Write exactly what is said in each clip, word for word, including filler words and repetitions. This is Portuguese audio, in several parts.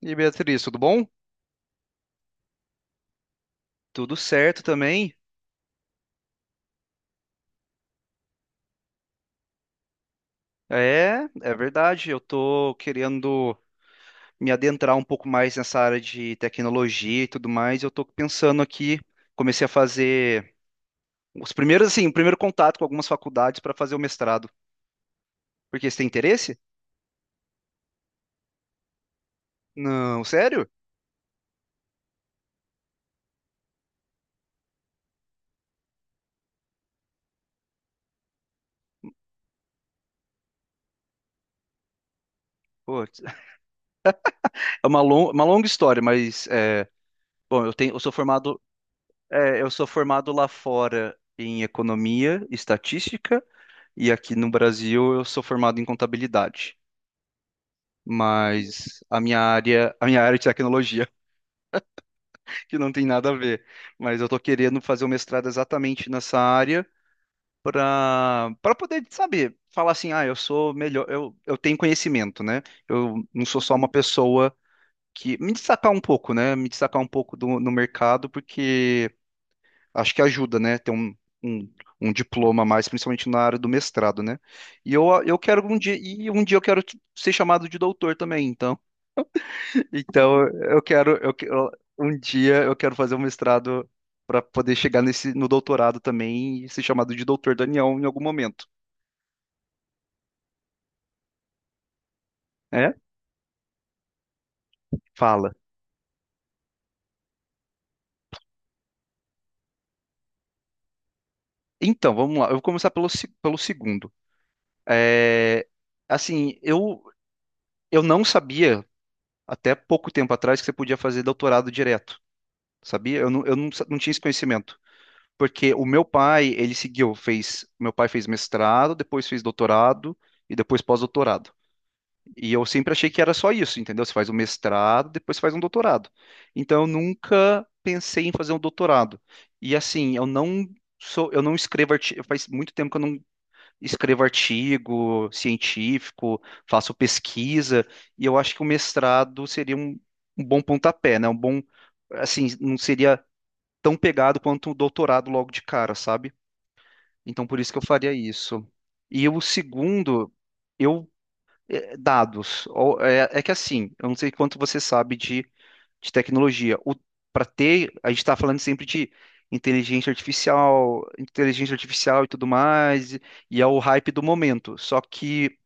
E aí, Beatriz, tudo bom? Tudo certo também? É, é verdade. Eu tô querendo me adentrar um pouco mais nessa área de tecnologia e tudo mais. Eu tô pensando aqui, comecei a fazer os primeiros, assim, o primeiro contato com algumas faculdades para fazer o mestrado. Porque você tem interesse? Não, sério? Putz. É uma, lon- uma longa história, mas é, bom, eu tenho, eu sou formado, é, eu sou formado lá fora em economia, estatística e aqui no Brasil eu sou formado em contabilidade. Mas a minha área, a minha área é de tecnologia, que não tem nada a ver. Mas eu tô querendo fazer o mestrado exatamente nessa área para para poder saber, falar assim, ah, eu sou melhor, eu, eu tenho conhecimento, né? Eu não sou só uma pessoa que me destacar um pouco, né? Me destacar um pouco do, no mercado, porque acho que ajuda, né? Ter um, um Um diploma a mais, principalmente na área do mestrado, né? E eu, eu quero um dia, e um dia eu quero ser chamado de doutor também, então. Então, eu quero, eu, que- eu- um dia eu quero fazer um mestrado para poder chegar nesse, no doutorado também e ser chamado de Doutor Daniel em algum momento. É? Fala. Então, vamos lá. Eu vou começar pelo, se- pelo segundo. É, assim, eu, eu, não sabia, até pouco tempo atrás, que você podia fazer doutorado direto. Sabia? Eu não, eu não, sa- não tinha esse conhecimento. Porque o meu pai, ele seguiu, fez, meu pai fez mestrado, depois fez doutorado e depois pós-doutorado. E eu sempre achei que era só isso, entendeu? Você faz um mestrado, depois você faz um doutorado. Então eu nunca pensei em fazer um doutorado. E assim, eu não sou, eu não escrevo artigo, faz muito tempo que eu não escrevo artigo científico, faço pesquisa, e eu acho que o mestrado seria um, um bom pontapé, né? Um bom, assim, não seria tão pegado quanto o doutorado logo de cara, sabe? Então por isso que eu faria isso. E o segundo, eu é, dados. Ou- É, é que assim, eu não sei quanto você sabe de, de tecnologia. Para ter, a gente está falando sempre de inteligência artificial, inteligência artificial e tudo mais, e e é o hype do momento. Só que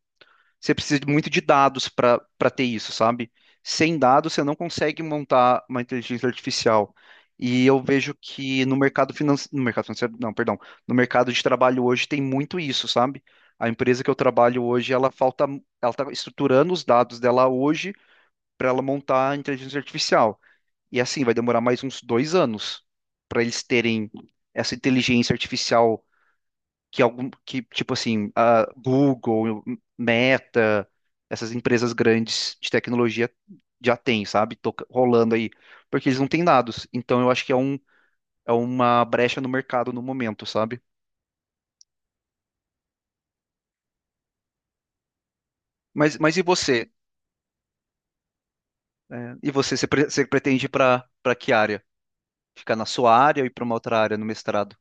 você precisa de- muito de dados para para ter isso, sabe? Sem dados, você não consegue montar uma inteligência artificial. E eu vejo que no mercado financeiro, no mercado financeiro, não, perdão, no mercado de trabalho hoje tem muito isso, sabe? A empresa que eu trabalho hoje, ela falta, ela está estruturando os dados dela hoje para ela montar a inteligência artificial. E assim, vai demorar mais uns dois anos para eles terem essa inteligência artificial que algum que tipo assim, a Google, Meta, essas empresas grandes de tecnologia já tem, sabe? Toca- rolando aí, porque eles não têm dados. Então eu acho que é um é uma brecha no mercado no momento, sabe? Mas mas e você? É, e você, você, pre- você pretende ir para para que área? Ficar na sua área ou ir para uma outra área no mestrado?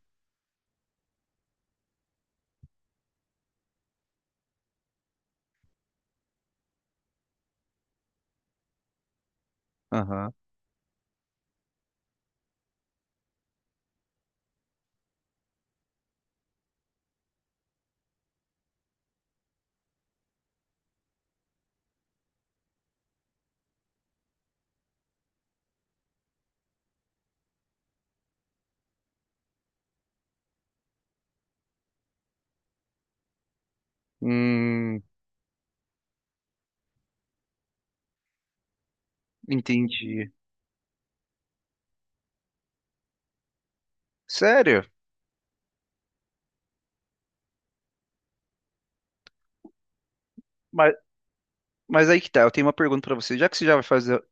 Aham. Hum, entendi. Sério? Mas aí que tá, eu tenho uma pergunta pra você. Já que você já vai fazer,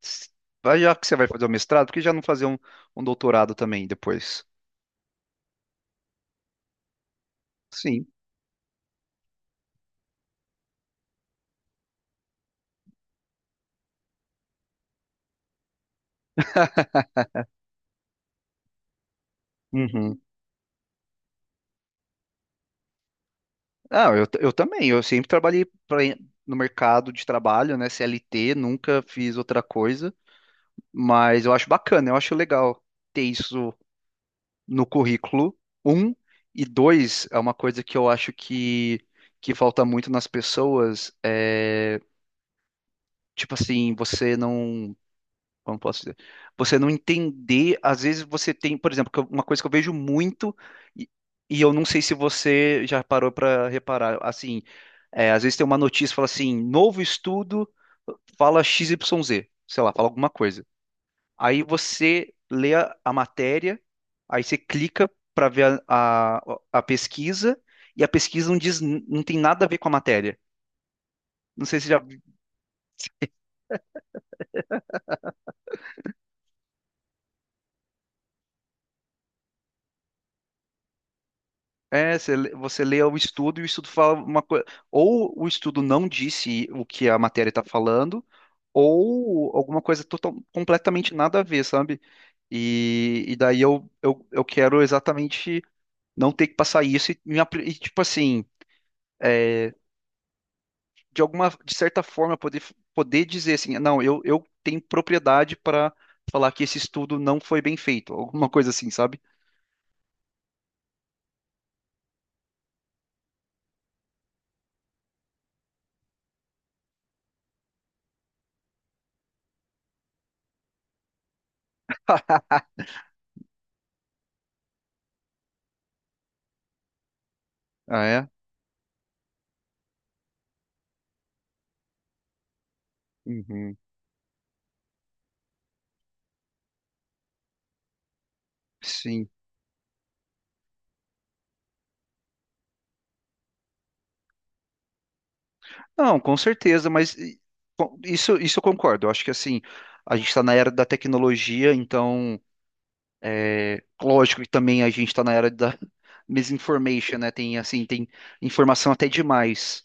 vai- já que você vai fazer o mestrado, por que já não fazer um, um doutorado também depois? Sim. Uhum. Ah, eu, t- eu também. Eu sempre trabalhei pra, no mercado de trabalho, né? C L T, nunca fiz outra coisa. Mas eu acho bacana, eu acho legal ter isso no currículo. Um, e dois, é uma coisa que eu acho que, que falta muito nas pessoas. É, tipo assim, você não. Como posso dizer? Você não entender, às vezes você tem, por exemplo, que eu- uma coisa que eu vejo muito e, e eu não sei se você já parou para reparar, assim, é, às vezes tem uma notícia que fala assim, novo estudo fala X, Y, Z, sei lá, fala alguma coisa. Aí você lê a, a matéria, aí você clica para ver a, a, a pesquisa e a pesquisa não diz, não tem nada a ver com a matéria. Não sei se já. É, você, lê- você lê o estudo e o estudo fala uma coisa. Ou o estudo não disse o que a matéria está falando, ou alguma coisa total, completamente nada a ver, sabe? E, e daí eu, eu, eu quero exatamente não ter que passar isso e, me apli- e, tipo assim, de alguma, de certa forma, poder, poder dizer assim, não, eu, eu tenho propriedade para falar que esse estudo não foi bem feito, alguma coisa assim, sabe? Ah, é? Uhum, sim. Não, com certeza, mas e, com- isso, isso eu concordo. Eu acho que assim, a gente está na era da tecnologia, então, lógico que também a gente está na era da misinformation, né? Tem assim, tem informação até demais.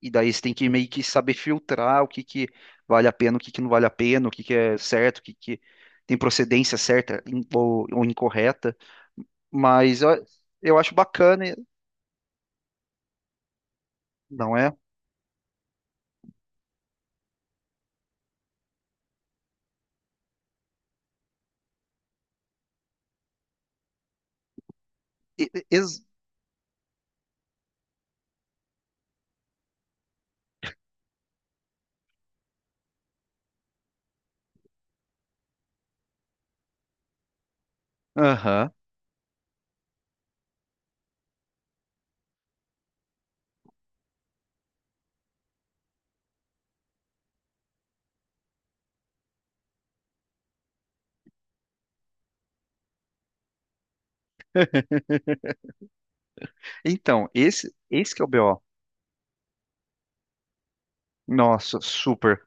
E daí você tem que meio que saber filtrar o que que vale a pena, o que que não vale a pena, o que que é certo, o que que tem procedência certa in- ou, ou incorreta. Mas eu, eu acho bacana, não é? E- e- ex- Aham. Então, esse, esse que é o B O. Nossa, super,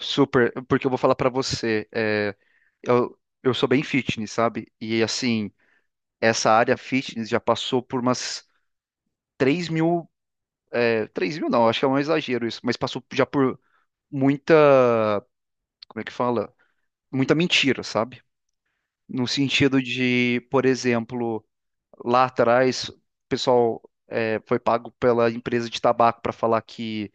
super. Porque eu vou falar pra você, é, eu, eu sou bem fitness, sabe? E assim, essa área fitness já passou por umas três mil. é, três mil não, acho que é um exagero isso, mas passou já por muita. Como é que fala? Muita mentira, sabe? No sentido de, por exemplo. Lá atrás, o pessoal é, foi pago pela empresa de tabaco para falar que,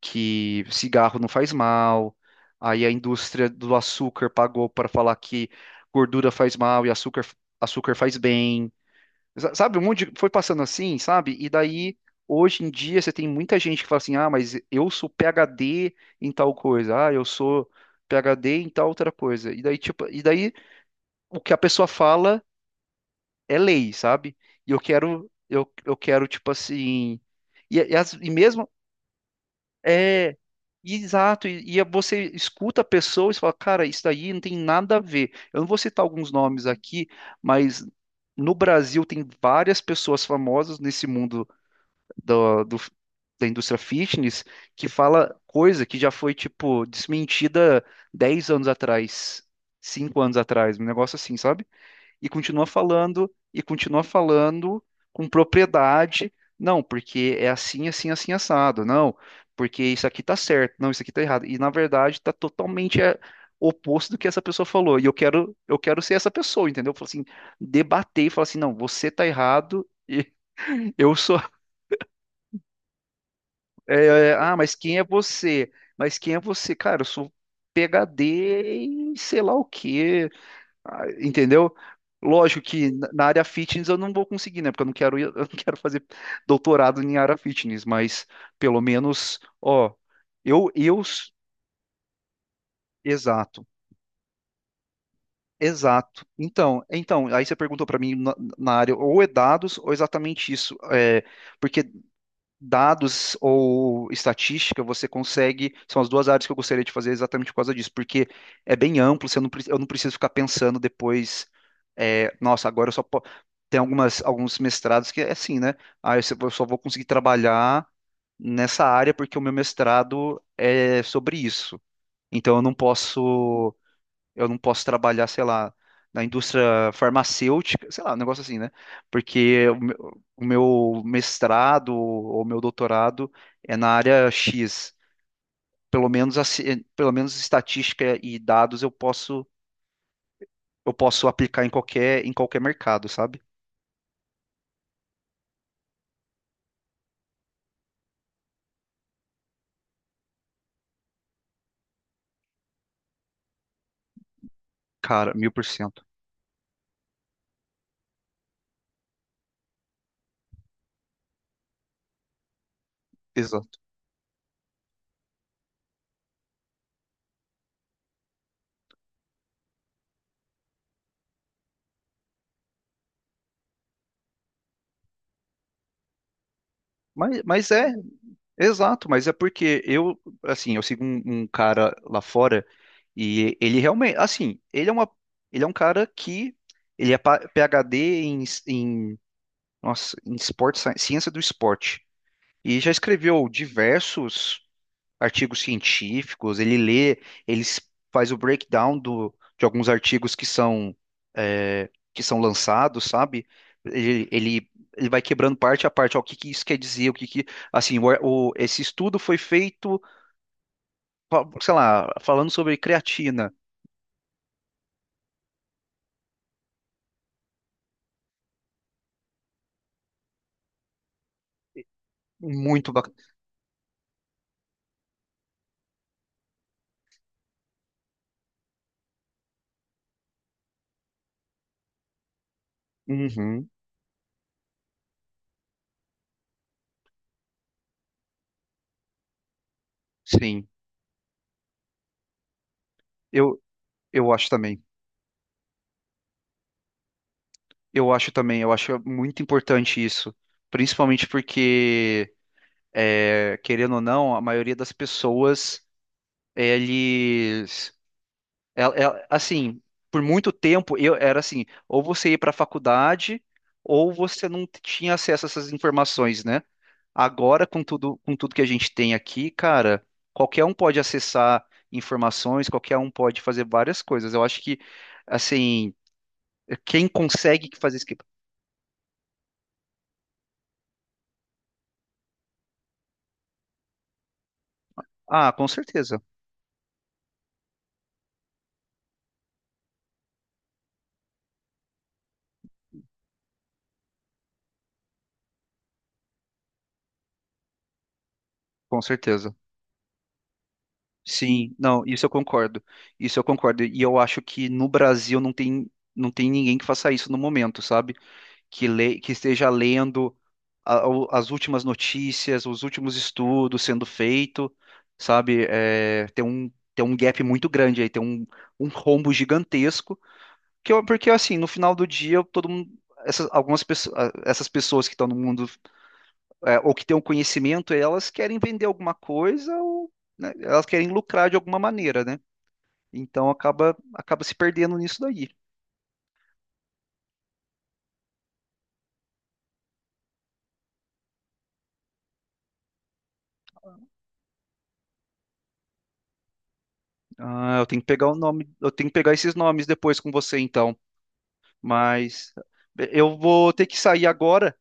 que cigarro não faz mal. Aí a indústria do açúcar pagou para falar que gordura faz mal e açúcar, açúcar faz bem. Sa- Sabe, um monte de, foi passando assim, sabe? E daí, hoje em dia, você tem muita gente que fala assim: ah, mas eu sou PhD em tal coisa, ah, eu sou PhD em tal outra coisa. E daí, tipo, e daí o que a pessoa fala é lei, sabe? E eu quero, eu, eu quero, tipo assim. E, e, as- e mesmo. É. Exato. E, e você escuta a pessoa e você fala, cara, isso daí não tem nada a ver. Eu não vou citar alguns nomes aqui, mas no Brasil tem várias pessoas famosas nesse mundo do, do- da indústria fitness que fala coisa que já foi, tipo, desmentida dez anos atrás, cinco anos atrás, um negócio assim, sabe? E continua falando, e continua falando com propriedade. Não, porque é assim, assim, assim, assado. Não, porque isso aqui tá certo. Não, isso aqui tá errado. E na verdade tá totalmente é, oposto do que essa pessoa falou. E eu quero, eu quero ser essa pessoa, entendeu? Eu falo assim, debater e falar assim, não, você tá errado. E eu sou. é, é, ah, mas quem é você? Mas quem é você? Cara, eu sou PhD em sei lá o quê. Ah, entendeu? Lógico que na na área fitness eu não vou conseguir, né? Porque eu não quero, ir- eu não quero fazer doutorado em área fitness, mas pelo menos, ó, eu, eu, exato, exato. Então, então, aí você perguntou para mim na, na área, ou é dados ou é exatamente isso, é, porque dados ou estatística, você consegue. São as duas áreas que eu gostaria de fazer exatamente por causa disso, porque é bem amplo, você não, pre- eu não preciso ficar pensando depois, é, nossa, agora eu só. po- Tem algumas, alguns mestrados que é assim, né? Ah, eu só eu só vou conseguir trabalhar nessa área porque o meu mestrado é sobre isso. Então eu não posso. Eu não posso trabalhar, sei lá, na indústria farmacêutica, sei lá, um negócio assim, né? Porque o meu o meu mestrado ou meu doutorado é na área X. Pelo menos, a ci- pelo menos estatística e dados eu posso, eu posso, aplicar em qualquer, em qualquer mercado, sabe? Cara, mil por cento. Exato. Mas, mas é. Exato, mas é porque eu, assim, eu sigo um, um cara lá fora e ele realmente, assim, ele é uma, ele é um cara que ele é pa- PhD em, s- em, nossa, em esporte, sci- ciência do esporte e já escreveu diversos artigos científicos, ele lê, ele s- faz o breakdown do, de alguns artigos que são, é, que são lançados, sabe? Ele, ele, ele vai quebrando parte a parte, ó, o que que isso quer dizer, o que que, assim, o, ar- o- esse estudo foi feito, fa- sei lá, falando sobre creatina, muito bacana. Uhum, sim, eu, eu acho também, eu acho também, eu acho muito importante isso, principalmente porque, é, querendo ou não, a maioria das pessoas, eles, el- el- assim, por muito tempo eu era assim, ou você ia para a faculdade ou você não t- tinha acesso a essas informações, né? Agora com tudo com tudo que a gente tem aqui, cara, qualquer um pode acessar informações, qualquer um pode fazer várias coisas. Eu acho que assim, quem consegue fazer isso que- ah, com certeza com certeza. Sim, não, isso eu concordo. Isso eu concordo. E eu acho que no Brasil não tem, não tem ninguém que faça isso no momento, sabe? que, le- que esteja lendo a- o- as últimas notícias, os últimos estudos sendo feito, sabe? É, tem um, tem um gap muito grande aí, tem um, um rombo gigantesco, que eu- porque assim, no final do dia, todo mundo, essas, algumas pessoas, essas pessoas que estão no mundo, é, ou que têm o conhecimento, elas querem vender alguma coisa, ou, né, elas querem lucrar de alguma maneira, né? Então acaba, acaba se perdendo nisso daí. Ah, eu tenho que pegar o nome, eu tenho que pegar esses nomes depois com você, então. Mas eu vou ter que sair agora.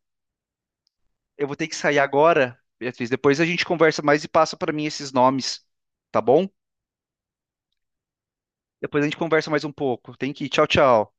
Eu vou ter que sair agora, Beatriz. Depois a gente conversa mais e passa para mim esses nomes, tá bom? Depois a gente conversa mais um pouco. Tem que ir. Tchau, tchau.